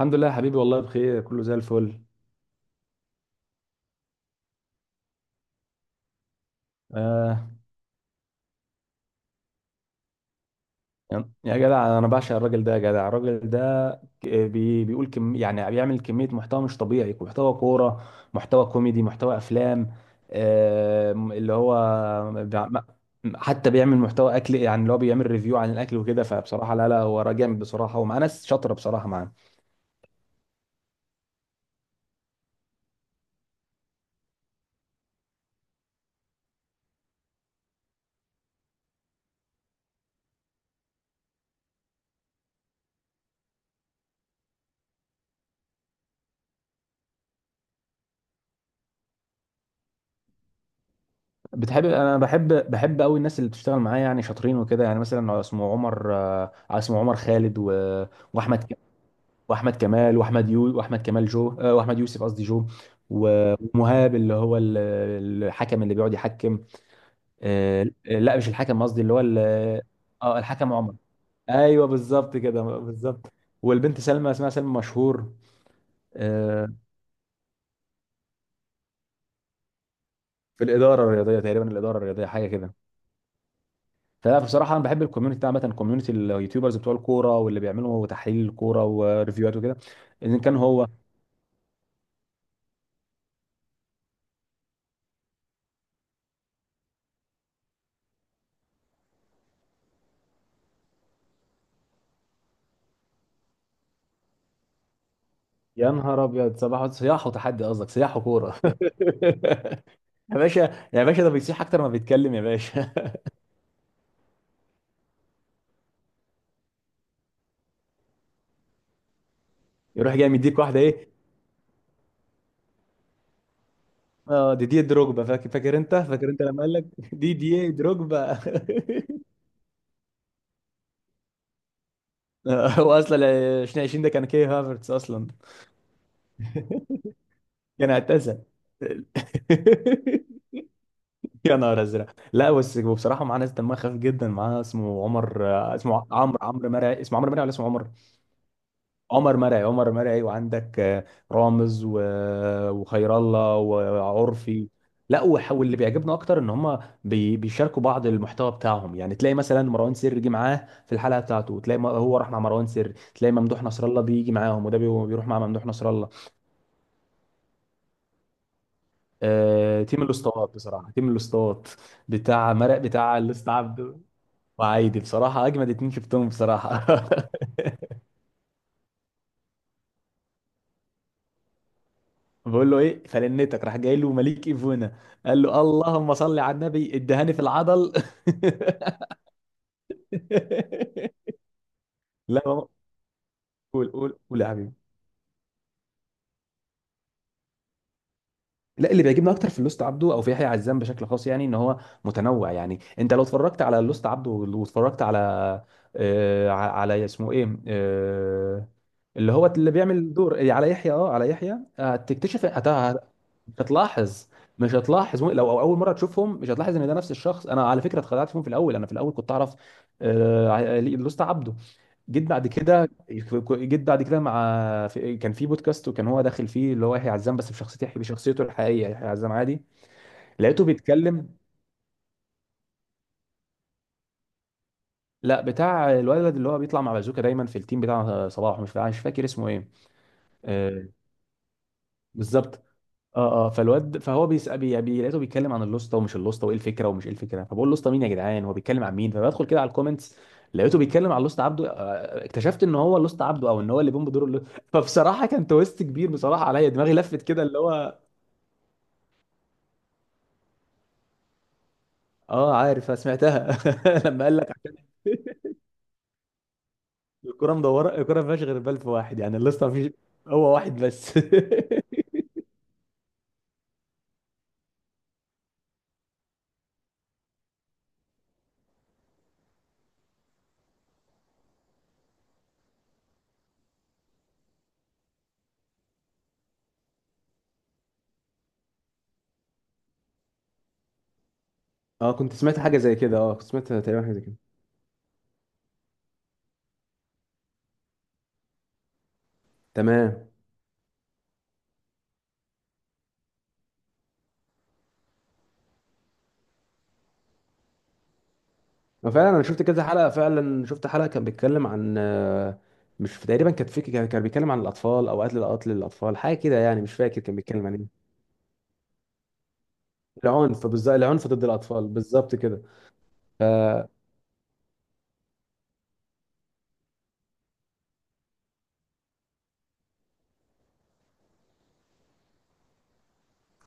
الحمد لله يا حبيبي، والله بخير، كله زي الفل. آه، يا جدع انا بعشق الراجل ده. يا جدع، الراجل ده ك- بي بيقول كم، يعني بيعمل كمية محتوى مش طبيعي: محتوى كورة، محتوى كوميدي، محتوى افلام. آه اللي هو بيع- ما- حتى بيعمل محتوى اكل، يعني اللي هو بيعمل ريفيو عن الاكل وكده. فبصراحة لا لا، هو راجل جامد بصراحة، ومعاه ناس شاطرة بصراحة معاه. انا بحب بحب قوي الناس اللي بتشتغل معايا، يعني شاطرين وكده. يعني مثلا اسمه عمر، اسمه عمر خالد، واحمد واحمد كمال، واحمد كمال جو، واحمد يوسف قصدي جو. ومهاب، اللي هو الحكم، اللي بيقعد يحكم. لا مش الحكم قصدي، اللي هو اه الحكم عمر. ايوه بالظبط كده، بالظبط. والبنت سلمى، اسمها سلمى مشهور. آه، في الاداره الرياضيه تقريبا، الاداره الرياضيه حاجه كده. فلا بصراحه انا بحب الكوميونتي ده عامه، كوميونتي اليوتيوبرز بتوع الكوره، واللي بيعملوا تحليل الكوره وريفيوهات وكده. ان كان هو. يا نهار ابيض، صباح صياح وتحدي قصدك، صياح وكوره يا باشا، يا باشا ده بيصيح اكتر ما بيتكلم، يا باشا. يروح جاي مديك واحده ايه. اه، دي دروجبا. فاكر فاكر، انت فاكر، انت لما قال لك دي ايه دروجبا. هو اصلا 2020 ده كان كي هافرتس اصلا، كان اعتزل. يا نهار ازرق. لا بس بصراحه معاه ناس دمها خفيف جدا. معاه اسمه عمر، اسمه عمرو مرعي، اسمه عمرو مرعي ولا اسمه عمر. عمر مرعي، عمر مرعي. وعندك رامز، وخير الله وعرفي. لا واللي بيعجبنا اكتر ان هم بيشاركوا بعض المحتوى بتاعهم، يعني تلاقي مثلا مروان سري جه معاه في الحلقه بتاعته، وتلاقي هو راح مع مروان سري، تلاقي ممدوح نصر الله بيجي معاهم، وده بيروح مع ممدوح نصر الله. تيم الاسطوات بصراحه، تيم الاسطوات بتاع مرق، بتاع الاسطى عبده وعايدي، بصراحه اجمد اتنين شفتهم بصراحه. بقول له ايه فلنتك، راح جاي له مليك ايفونا، قال له اللهم صل على النبي، ادهاني في العضل. لا. قول قول قول يا حبيبي. لا، اللي بيعجبني اكتر في اللوست عبده او في يحيى عزام بشكل خاص، يعني ان هو متنوع. يعني انت لو اتفرجت على اللوست عبده واتفرجت على على اسمه ايه، اللي هو اللي بيعمل دور على يحيى، اه على يحيى، هتكتشف مش هتلاحظ مش هتلاحظ لو أو اول مره تشوفهم، مش هتلاحظ ان ده نفس الشخص. انا على فكره اتخدعت فيهم في الاول. انا في الاول كنت اعرف لوست عبده، جيت بعد كده جيت بعد كده مع كان في بودكاست وكان هو داخل فيه اللي هو يحيى عزام، بس بشخصيته، بشخصيته الحقيقيه يحيى عزام عادي. لقيته بيتكلم. لا بتاع الولد اللي هو بيطلع مع بازوكا دايما في التيم بتاع صلاح، مش فاكر اسمه ايه. آه. بالظبط. اه اه، فالواد، فهو بيسأل لقيته بيتكلم عن اللوسته ومش اللوسته، وايه الفكره ومش ايه الفكره، فبقول اللوسته مين يا جدعان، هو بيتكلم عن مين. فبدخل كده على الكومنتس، لقيته بيتكلم عن لوست عبده. اكتشفت ان هو لوست عبده، او ان هو اللي بيقوم بدور اللوست. فبصراحه كان تويست كبير بصراحه عليا، دماغي لفت كده اللي هو. اه عارف، سمعتها. لما قال لك الكرة مدورة، الكرة ما فيهاش غير بلف واحد، يعني الليسته ما فيش، هو واحد بس. اه كنت سمعت حاجة زي كده، اه كنت سمعت تقريبا حاجة زي كده. تمام. وفعلا انا شفت كذا حلقة، فعلا شفت حلقة كان بيتكلم عن مش تقريبا كانت فيك، كان بيتكلم عن الاطفال، او قتل قتل الاطفال، حاجة كده يعني، مش فاكر كان بيتكلم عن ايه. العنف بالظبط، العنف ضد الاطفال بالظبط كده. ف...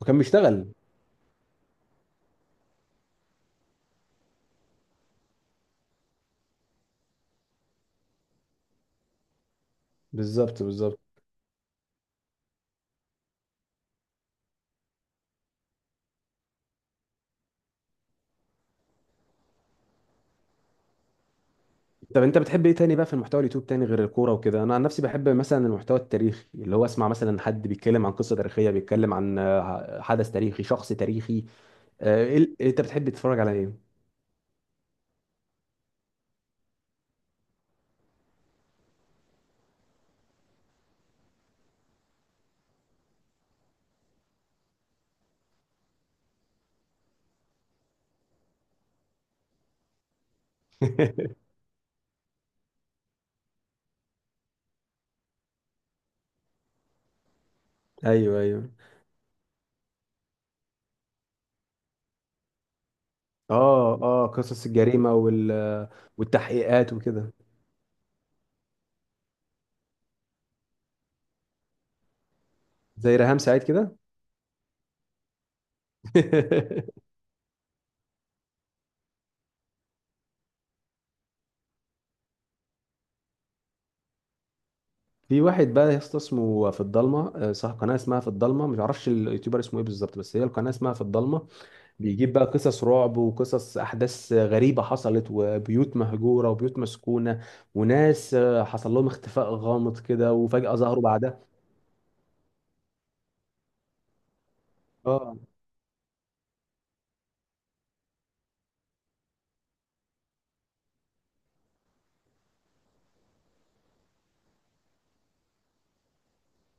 وكان بيشتغل بالظبط بالظبط. طب انت بتحب ايه تاني بقى في المحتوى اليوتيوب تاني غير الكوره وكده؟ انا عن نفسي بحب مثلا المحتوى التاريخي، اللي هو اسمع مثلا حد بيتكلم عن قصه تاريخيه، بيتكلم عن حدث تاريخي، شخص تاريخي. إيه، انت بتحب تتفرج على ايه؟ ايوه ايوه. اه اه، قصص الجريمه، والتحقيقات وكده. زي ريهام سعيد كده. في واحد بقى يا اسطى اسمه في الضلمه، صاحب قناه اسمها في الضلمه، مش عارفش اليوتيوبر اسمه ايه بالظبط، بس هي القناه اسمها في الضلمه. بيجيب بقى قصص رعب وقصص احداث غريبه حصلت، وبيوت مهجوره وبيوت مسكونه، وناس حصل لهم اختفاء غامض كده، وفجاه ظهروا بعدها. اه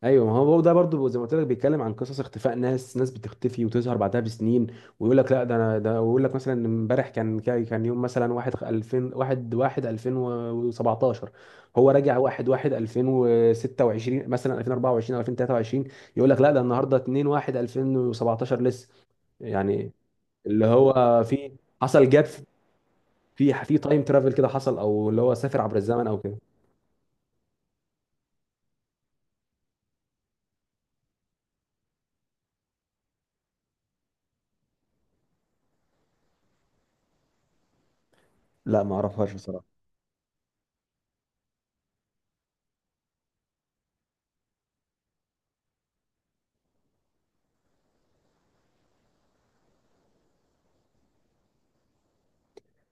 ايوه، ما هو ده برضو زي ما قلت لك، بيتكلم عن قصص اختفاء ناس بتختفي وتظهر بعدها بسنين، ويقول لك لا ده انا ده، ويقول لك مثلا إن امبارح كان يوم مثلا 1 2000 1 1 2017، هو راجع 1 1 2026 مثلا، 2024 او 2023، يقول لك لا ده النهارده 2 1 2017 لسه، يعني اللي هو في حصل جاب، في في تايم ترافل كده حصل، او اللي هو سافر عبر الزمن او كده. لا ما اعرفهاش بصراحه.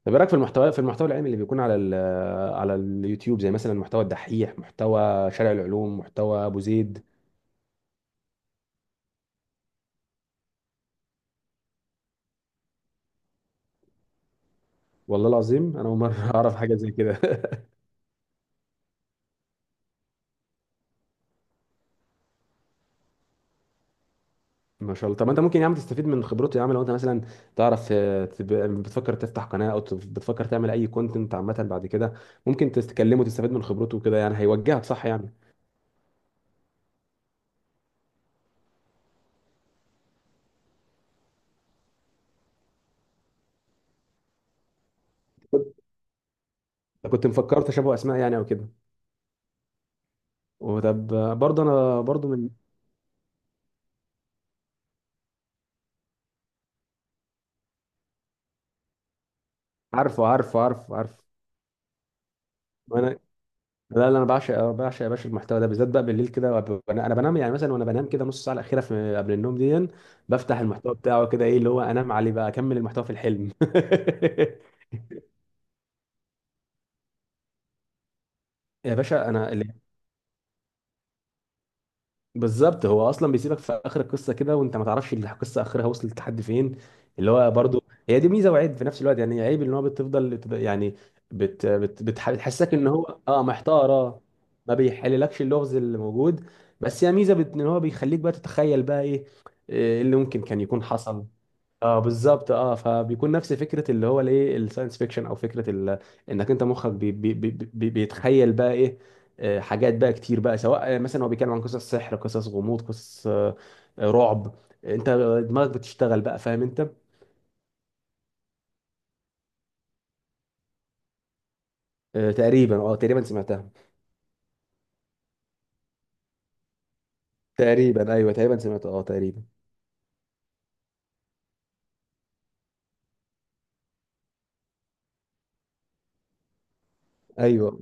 طب ايه رايك في المحتوى، في المحتوى العلمي اللي بيكون على على اليوتيوب، زي مثلا محتوى الدحيح، محتوى شارع العلوم، محتوى ابو زيد؟ والله العظيم انا اول مره اعرف حاجه زي كده. ما شاء الله. طب ما انت ممكن يا عم تستفيد من خبرته يا عم، لو انت مثلا تعرف، بتفكر تفتح قناه، او بتفكر تعمل اي كونتنت عامه بعد كده، ممكن تتكلمه وتستفيد من خبرته وكده، يعني هيوجهك صح يعني. كنت، كنت مفكر تشابه اسماء يعني او كده. وطب برضه، انا برضه من. عارفه عارفه عارفه عارفه. وانا لا لا، انا بعشق بعشق يا باشا المحتوى ده بالذات بقى بالليل كده، انا أنا بنام يعني مثلا، وانا بنام كده نص ساعه الاخيره في قبل النوم دي، بفتح المحتوى بتاعه كده ايه اللي هو انام عليه بقى، اكمل المحتوى في الحلم. يا باشا انا اللي. بالظبط، هو اصلا بيسيبك في اخر القصه كده، وانت ما تعرفش القصه اخرها وصلت لحد فين. اللي هو برضو هي دي ميزه وعيب في نفس الوقت، يعني عيب ان هو يعني بتحسسك ان هو اه محتار اه. ما بيحللكش اللغز اللي موجود. بس هي ميزه ان هو بيخليك بقى تتخيل بقى ايه، إيه اللي ممكن كان يكون حصل. اه بالظبط، اه. فبيكون نفس فكره اللي هو الايه الساينس فيكشن، او فكره انك انت مخك بيتخيل بقى ايه. حاجات بقى كتير بقى، سواء مثلا هو بيتكلم عن قصص سحر، قصص غموض، قصص رعب. انت دماغك بتشتغل بقى، فاهم انت. تقريبا اه تقريبا سمعتها. تقريبا ايوه تقريبا سمعتها، اه تقريبا. ايوه.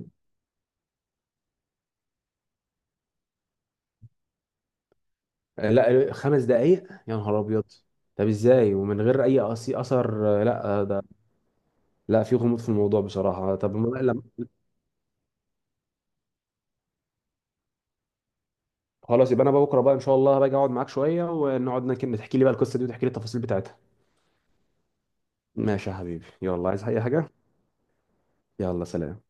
لا، خمس دقائق؟ يا نهار ابيض. طب ازاي ومن غير اي اثر؟ لا ده. لا في غموض في الموضوع بصراحه. طب خلاص، يبقى انا بقى بكره بقى ان شاء الله باجي اقعد معاك شويه، ونقعد تحكي لي بقى القصه دي، وتحكي لي التفاصيل بتاعتها. ماشي يا حبيبي، يلا عايز اي حاجه؟ يلا سلام.